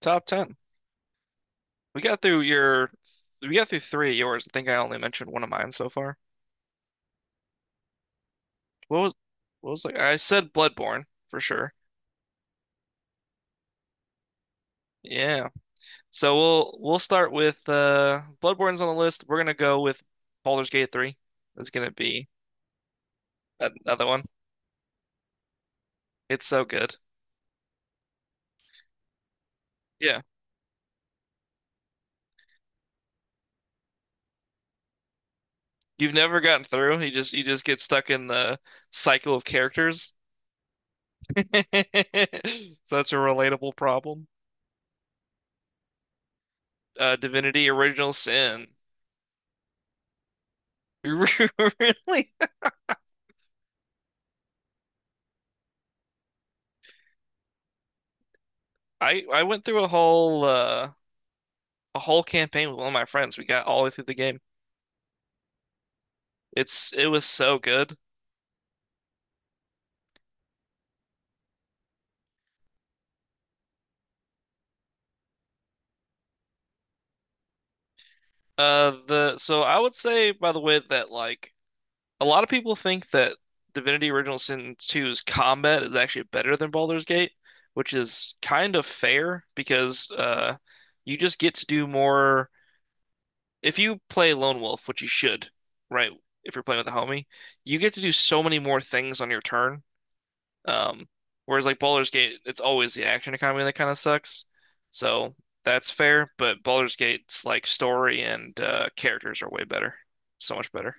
Top 10. We got through we got through three of yours. I think I only mentioned one of mine so far. What was, what was like, I said Bloodborne for sure. Yeah. So we'll start with, Bloodborne's on the list. We're gonna go with Baldur's Gate 3. That's gonna be another one. It's so good. Yeah. You've never gotten through. You just get stuck in the cycle of characters. Such a relatable problem. Divinity Original Sin. Really? I went through a whole campaign with one of my friends. We got all the way through the game. It was so good. The so I would say, by the way, that like a lot of people think that Divinity Original Sin two's combat is actually better than Baldur's Gate, which is kind of fair because you just get to do more if you play Lone Wolf, which you should, right? If you're playing with a homie, you get to do so many more things on your turn. Um, whereas Baldur's Gate, it's always the action economy that kind of sucks. So that's fair, but Baldur's Gate's like story and characters are way better, so much better.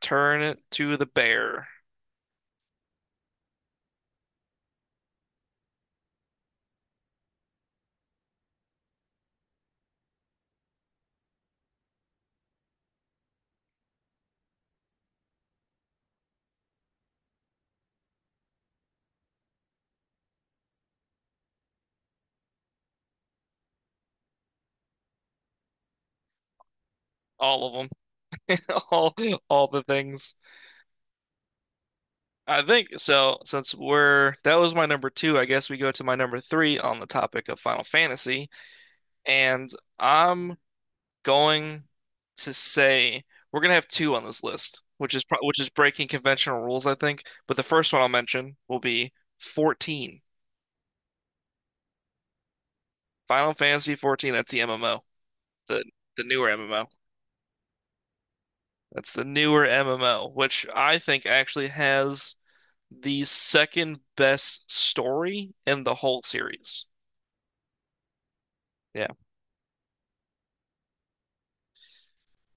Turn it to the bear, all of them, all all the things. I think so. Since we're that was my number two, I guess we go to my number three on the topic of Final Fantasy, and I'm going to say we're gonna have two on this list, which is breaking conventional rules, I think. But the first one I'll mention will be 14. Final Fantasy 14, that's the MMO, the the newer MMO. That's the newer MMO, which I think actually has the second best story in the whole series. Yeah.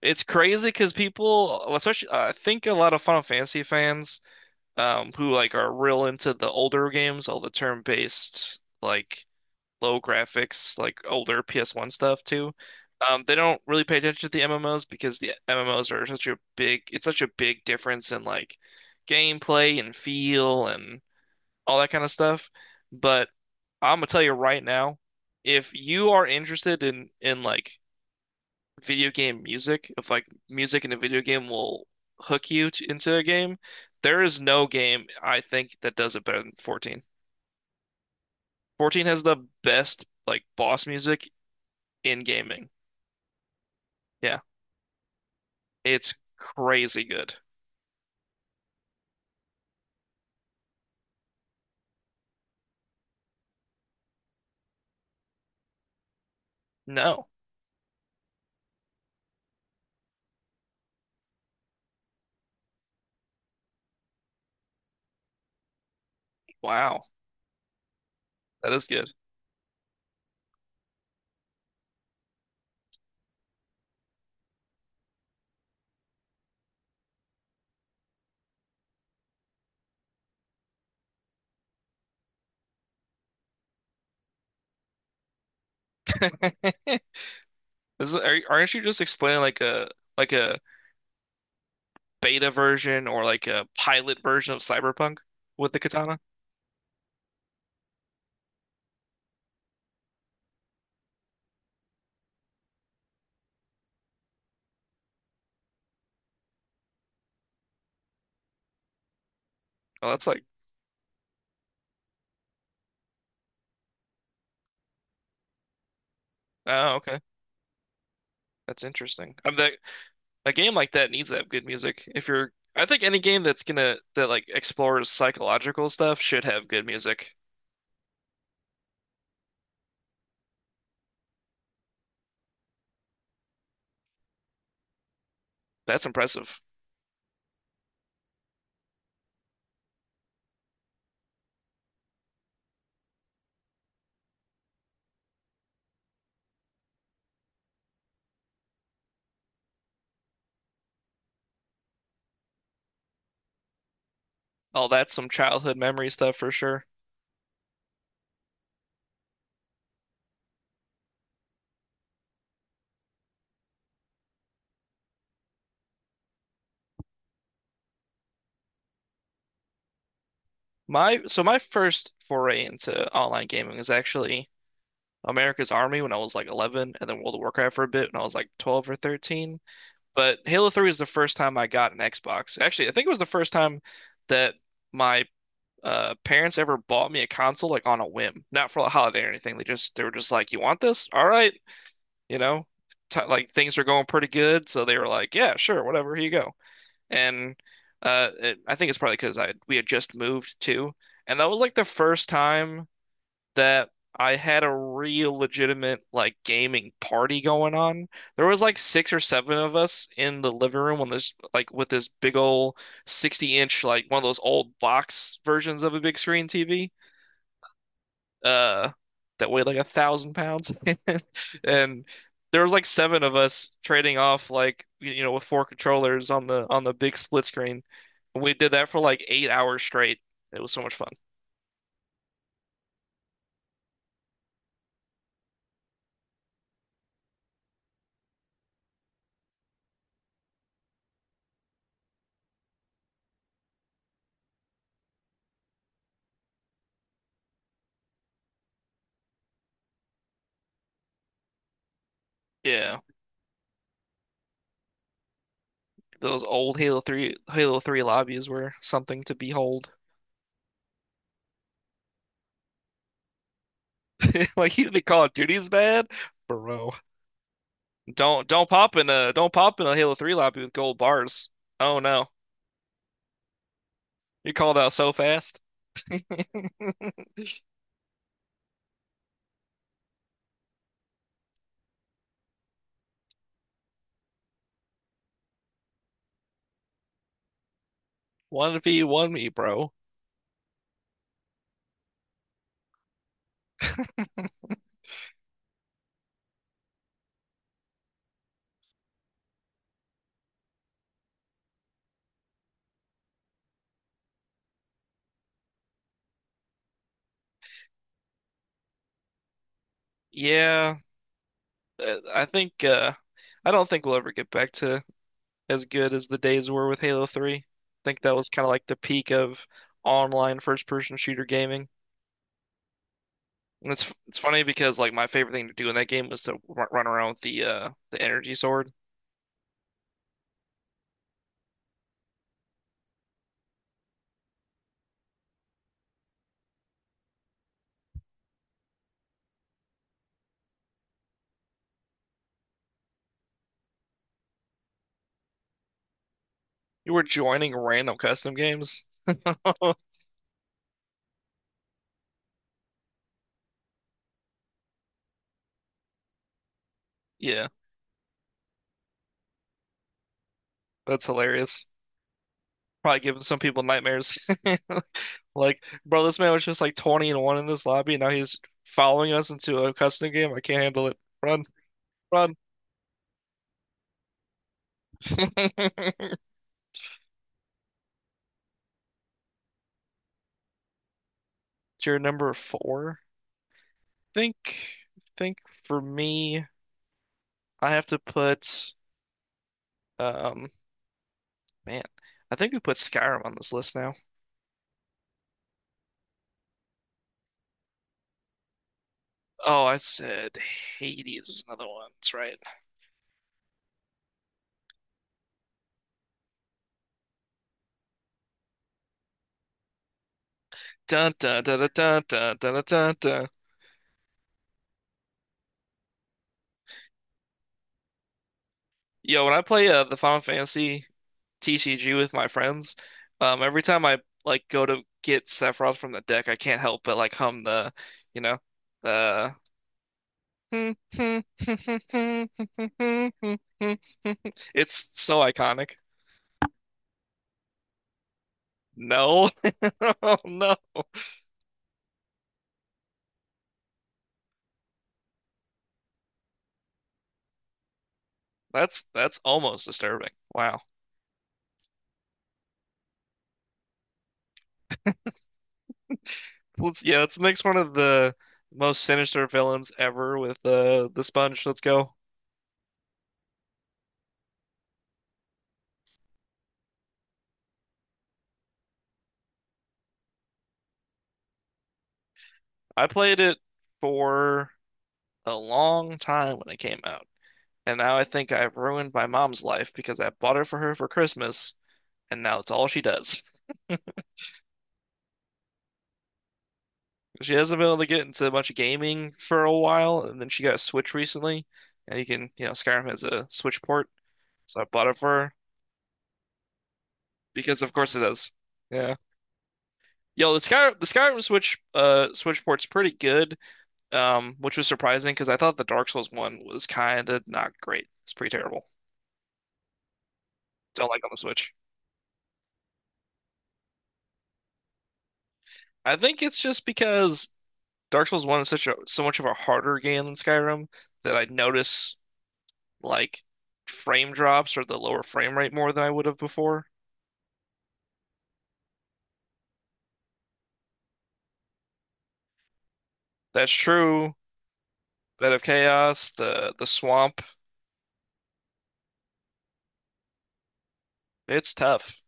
It's crazy because people, especially I think a lot of Final Fantasy fans who like are real into the older games, all the turn-based, like low graphics, like older PS1 stuff too. They don't really pay attention to the MMOs because the MMOs are such a big difference in like gameplay and feel and all that kind of stuff. But I'm gonna tell you right now, if you are interested in like video game music, if like music in a video game will hook into a game, there is no game I think that does it better than 14. 14 has the best like boss music in gaming. Yeah, it's crazy good. No, wow, that is good. Aren't you just explaining like a like a beta version or like a pilot version of Cyberpunk with the katana? Oh, that's like, oh, okay, that's interesting. I'm that A game like that needs to have good music. If you're, I think any game that's gonna that like explores psychological stuff should have good music. That's impressive. Oh, that's some childhood memory stuff for sure. My so my first foray into online gaming was actually America's Army when I was like 11, and then World of Warcraft for a bit when I was like 12 or 13. But Halo 3 was the first time I got an Xbox. Actually, I think it was the first time that my parents ever bought me a console like on a whim, not for a holiday or anything. They were just like, "You want this? All right." You know, t like things are going pretty good, so they were like, "Yeah, sure, whatever, here you go." And I think it's probably because I we had just moved too, and that was like the first time that I had a real legitimate like gaming party going on. There was like six or seven of us in the living room on this like with this big old 60 inch, like one of those old box versions of a big screen TV uh that weighed like 1,000 pounds, and there was like seven of us trading off like you know, with four controllers on the big split screen. We did that for like 8 hours straight. It was so much fun. Yeah, those old Halo 3 lobbies were something to behold. Like you think Call of Duty's bad, bro. Don't pop in a Halo 3 lobby with gold bars. Oh no. You called out so fast. 1v1 me, bro. Yeah, I think I don't think we'll ever get back to as good as the days were with Halo 3. I think that was kind of like the peak of online first-person shooter gaming. And it's funny because like my favorite thing to do in that game was to r run around with the energy sword. You were joining random custom games. Yeah, that's hilarious. Probably giving some people nightmares. Like, bro, this man was just like 20-1 in this lobby, and now he's following us into a custom game. I can't handle it. Run. You're number four. Think, think for me, I have to put, um, man, I think we put Skyrim on this list now. Oh, I said Hades was another one. That's right. Dun dun dun dun dun dun dun dun dun. Yo, when I play the Final Fantasy TCG with my friends, every time I like go to get Sephiroth from the deck, I can't help but like hum you know, the. It's so iconic. No, oh, no, that's almost disturbing. Wow. Let's mix one of the most sinister villains ever with the Sponge. Let's go. I played it for a long time when it came out. And now I think I've ruined my mom's life because I bought it for her for Christmas, and now it's all she does. She hasn't been able to get into much gaming for a while, and then she got a Switch recently, and you can, you know, Skyrim has a Switch port, so I bought it for her because, of course, it does. Yeah. Yo, the Sky the Skyrim Switch Switch port's pretty good, which was surprising because I thought the Dark Souls one was kind of not great. It's pretty terrible. Don't like on the Switch. I think it's just because Dark Souls 1 is such a so much of a harder game than Skyrim that I notice like frame drops or the lower frame rate more than I would have before. That's true. Bed of Chaos, the swamp, it's tough.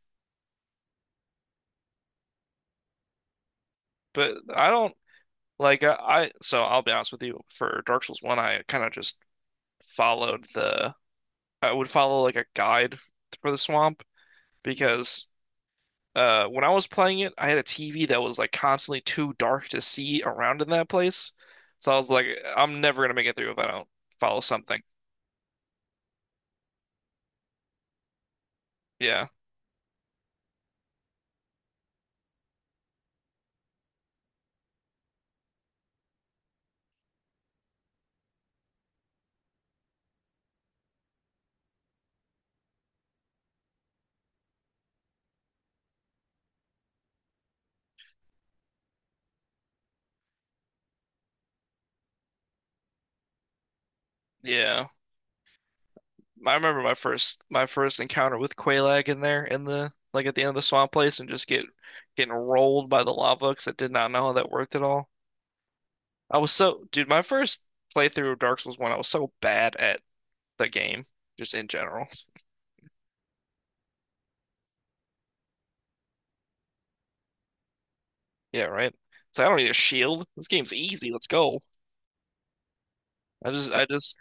But I don't like I so I'll be honest with you, for Dark Souls 1 I kind of just followed the I would follow like a guide for the swamp because when I was playing it, I had a TV that was like constantly too dark to see around in that place. So I was like, I'm never gonna make it through if I don't follow something. Yeah, yeah. I remember my first encounter with Quaalag in there in the like at the end of the swamp place and just getting rolled by the lava because I did not know how that worked at all. I was so dude, my first playthrough of Dark Souls 1, I was so bad at the game, just in general. Yeah, right. So I don't need a shield. This game's easy. Let's go. I just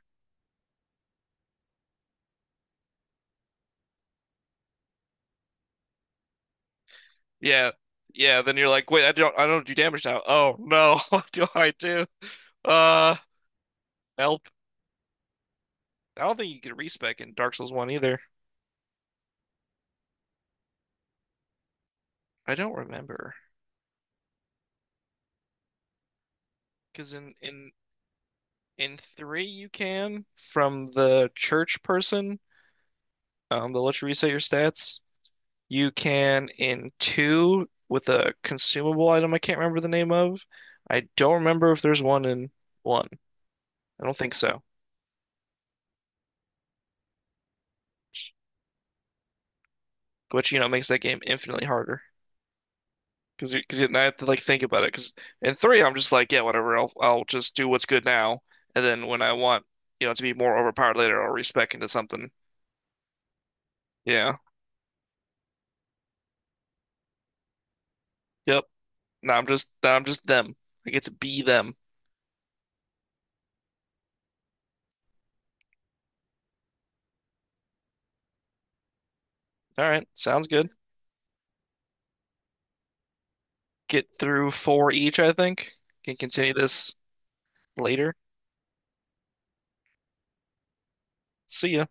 Yeah. Yeah, then you're like, wait, I don't do damage now. Oh no, what do I do? Uh, help. I don't think you can respec in Dark Souls 1 either. I don't remember because in 3 you can from the church person, they'll let you reset your stats. You can in 2 with a consumable item I can't remember the name of. I don't remember if there's one in 1. I don't think so. Which, you know, makes that game infinitely harder. Because I have to like think about it. Because in three, I'm just like, yeah, whatever. I'll just do what's good now, and then when I want, you know, to be more overpowered later, I'll respec into something. Yeah. Yep. Now I'm just them. I get to be them. All right. Sounds good. Get through four each, I think. Can continue this later. See ya.